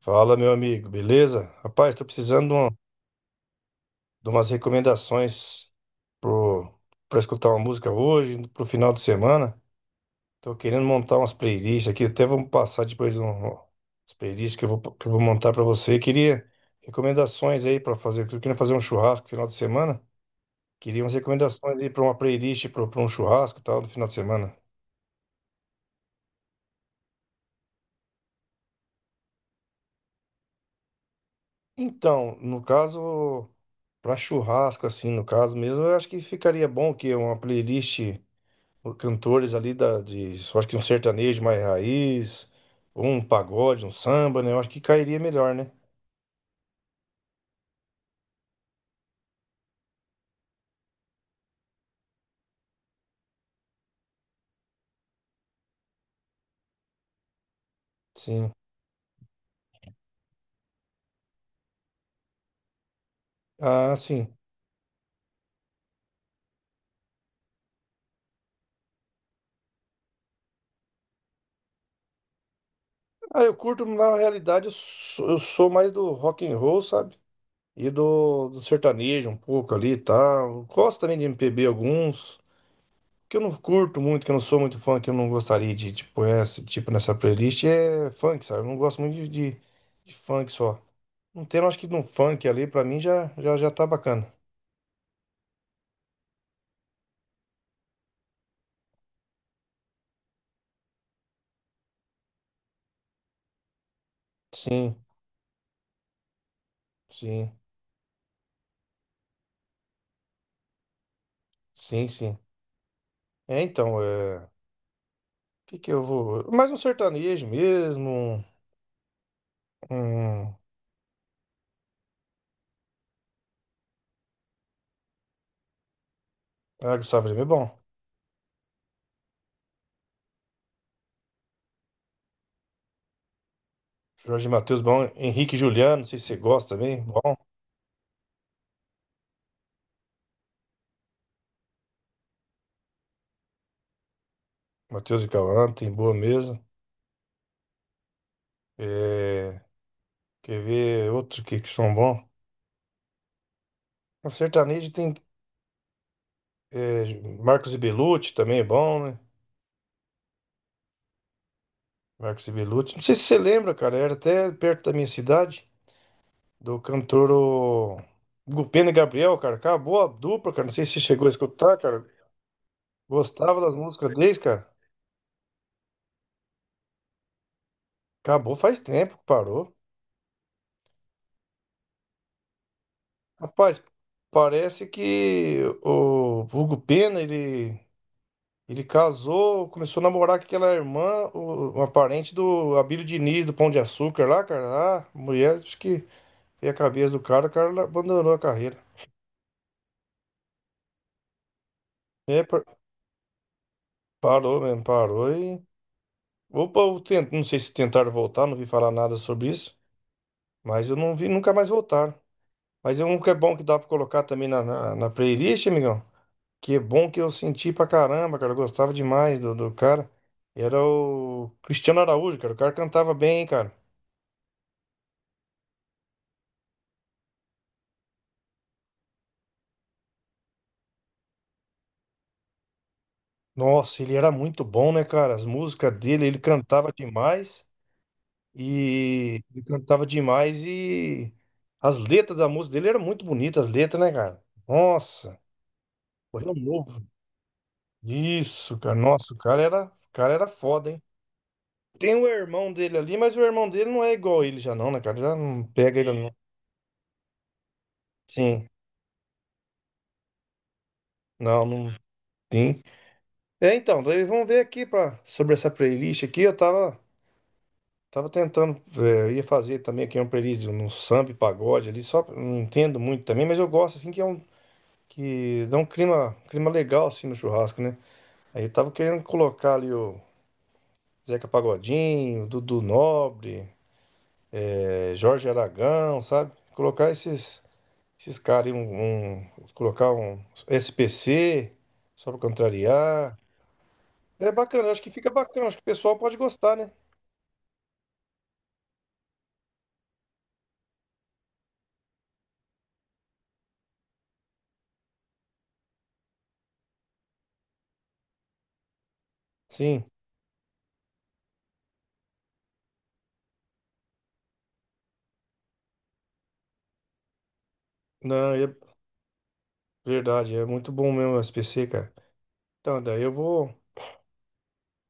Fala, meu amigo, beleza? Rapaz, tô precisando de umas recomendações pro, pra escutar uma música hoje, pro final de semana. Tô querendo montar umas playlists aqui, até vamos passar depois as playlists que eu vou montar pra você. Queria recomendações aí pra fazer, eu queria fazer um churrasco no final de semana. Queria umas recomendações aí pra uma playlist, pra um churrasco e tal, no final de semana. Então, no caso, pra churrasco, assim, no caso mesmo, eu acho que ficaria bom que uma playlist, por cantores ali eu acho que um sertanejo mais raiz, ou um pagode, um samba, né? Eu acho que cairia melhor, né? Sim. Ah, sim. Ah, eu curto, na realidade, eu sou mais do rock and roll, sabe? E do sertanejo um pouco ali e tal. Gosto também de MPB alguns. Que eu não curto muito, que eu não sou muito fã, que eu não gostaria de pôr esse tipo nessa playlist é funk, sabe? Eu não gosto muito de funk só. Um tema, acho que de um funk ali, pra mim já tá bacana. Sim, sim. Sim, sim. É, então, o que que eu vou. Mais um sertanejo mesmo, um... um- Ah, Gustavo Lima é bom. Jorge Mateus é bom. Henrique e Juliano, não sei se você gosta também, bom. Mateus e Cauã, tem boa mesmo. É... Quer ver outro que são bons? O sertanejo tem é, Marcos e Belucci também é bom, né? Marcos e Belucci. Não sei se você lembra, cara, era até perto da minha cidade, do cantor, o Gupena e Gabriel, cara, acabou a dupla, cara. Não sei se você chegou a escutar, cara. Gostava das músicas deles, cara? Acabou faz tempo que parou. Rapaz, parece que o Hugo Pena, ele casou, começou a namorar com aquela irmã, uma parente do Abílio Diniz, do Pão de Açúcar lá, cara. Ah, mulher, acho que tem a cabeça do cara, o cara abandonou a carreira. É, parou mesmo, parou. Opa, eu tento, não sei se tentaram voltar, não vi falar nada sobre isso, mas eu não vi, nunca mais voltaram. Mas é um que é bom que dá pra colocar também na playlist, amigão. Que bom que eu senti pra caramba, cara. Eu gostava demais do cara. Era o Cristiano Araújo, cara. O cara cantava bem, hein, cara. Nossa, ele era muito bom, né, cara? As músicas dele, ele cantava demais. E ele cantava demais e as letras da música dele eram muito bonitas, as letras, né, cara? Nossa, foi um novo. Isso, cara. Nossa, o cara era foda, hein? Tem o irmão dele ali, mas o irmão dele não é igual ele já não, né, cara? Já não pega ele não. Sim. Não, não tem. É, então, daí vamos ver aqui pra, sobre essa playlist aqui. Eu tava tentando, eu ia fazer também aqui uma playlist no samba e pagode ali, só não entendo muito também, mas eu gosto assim que é um que dá um clima legal assim no churrasco, né? Aí eu tava querendo colocar ali o Zeca Pagodinho, Dudu Nobre, Jorge Aragão, sabe? Colocar esses caras aí, colocar um SPC só pra contrariar. É bacana, eu acho que fica bacana, acho que o pessoal pode gostar, né? Sim. Não, é verdade, é muito bom mesmo o SPC, cara. Então, daí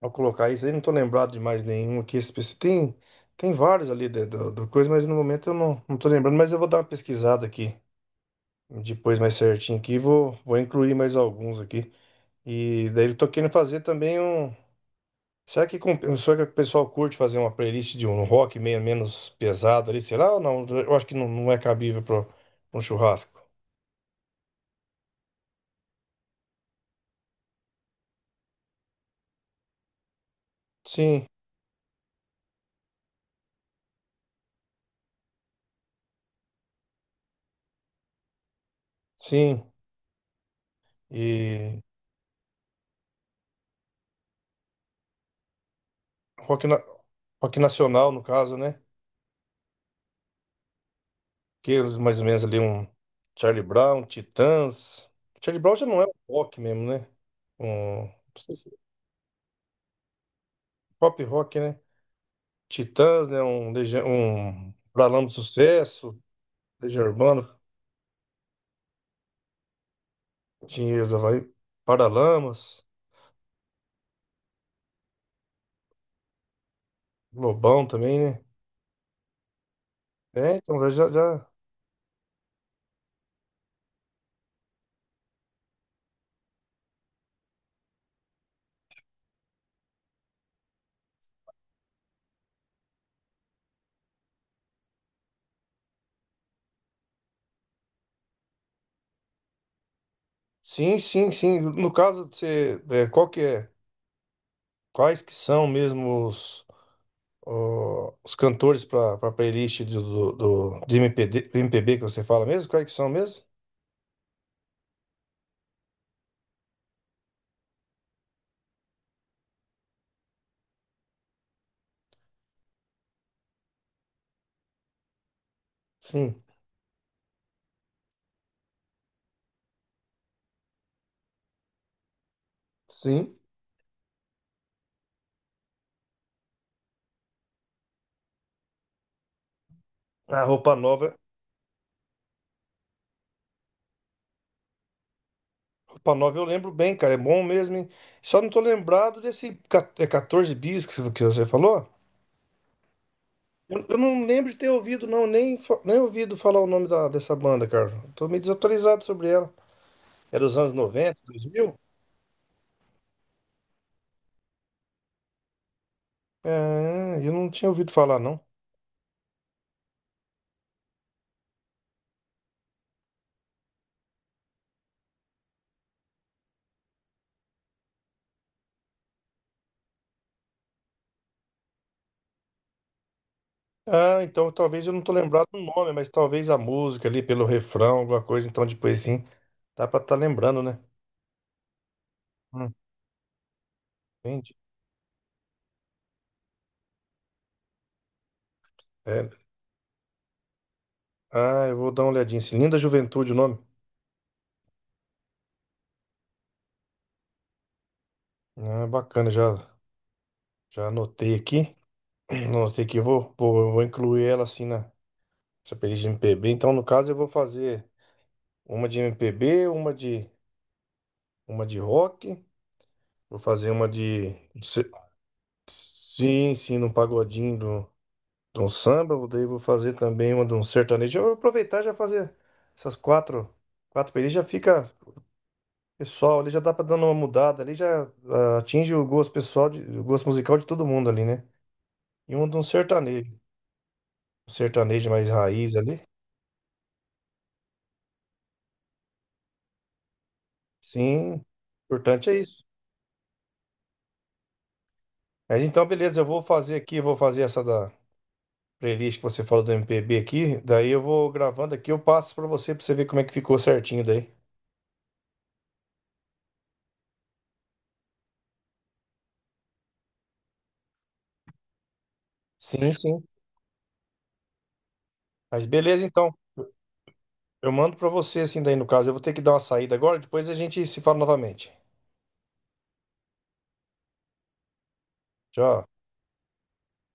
vou colocar isso aí, não tô lembrado de mais nenhum aqui. SPC tem vários ali do coisa, mas no momento eu não tô lembrando, mas eu vou dar uma pesquisada aqui depois mais certinho aqui, vou incluir mais alguns aqui. E daí eu tô querendo fazer também um. Será será que o pessoal curte fazer uma playlist de um rock meio menos pesado ali? Será ou não? Eu acho que não, não é cabível para um churrasco. Sim, sim. e Rock, na- rock nacional, no caso, né? Que eles mais ou menos ali um Charlie Brown, Titãs. Charlie Brown já não é um rock mesmo, né? Não sei é pop rock, né? Titãs, né? Um Paralamas do Sucesso, Legião Urbana, Dinheiro da Havaí, Paralamas, Lobão também, né? É, então já. Sim, sim, sim. No caso, você, qual que é? Quais que são mesmo os cantores para a playlist do, de MPD, do MPB que você fala mesmo? Quais que são mesmo? Sim, sim. A roupa nova, roupa nova eu lembro bem, cara, é bom mesmo, hein? Só não tô lembrado desse é 14 bis que você falou. Eu não lembro de ter ouvido, não, nem ouvido falar o nome dessa banda, cara. Tô meio desatualizado sobre ela. É dos anos 90, 2000? É, eu não tinha ouvido falar, não. Ah, então talvez eu não tô lembrado do nome, mas talvez a música ali, pelo refrão, alguma coisa, então depois sim, dá pra estar lembrando, né? Hum, Entende? É. Ah, eu vou dar uma olhadinha, assim. Linda Juventude o nome. Ah, bacana, já anotei aqui. Anotei aqui, eu vou incluir ela assim na essa playlist de MPB. Então, no caso, eu vou fazer uma de MPB, uma de rock, vou fazer uma de. se- Sim, sim, num pagodinho de um samba, daí vou fazer também uma de um sertanejo. Eu vou aproveitar e já fazer essas quatro playlists, já fica pessoal, ali já dá pra dar uma mudada, ali já atinge o gosto pessoal, o gosto musical de todo mundo ali, né? E um de um sertanejo mais raiz ali. Sim, o importante é isso. Mas então, beleza, eu vou fazer essa da playlist que você falou do MPB aqui, daí eu vou gravando aqui, eu passo pra você ver como é que ficou certinho daí. Sim, sim. Mas beleza, então. Eu mando pra você assim daí no caso. Eu vou ter que dar uma saída agora, depois a gente se fala novamente. Tchau.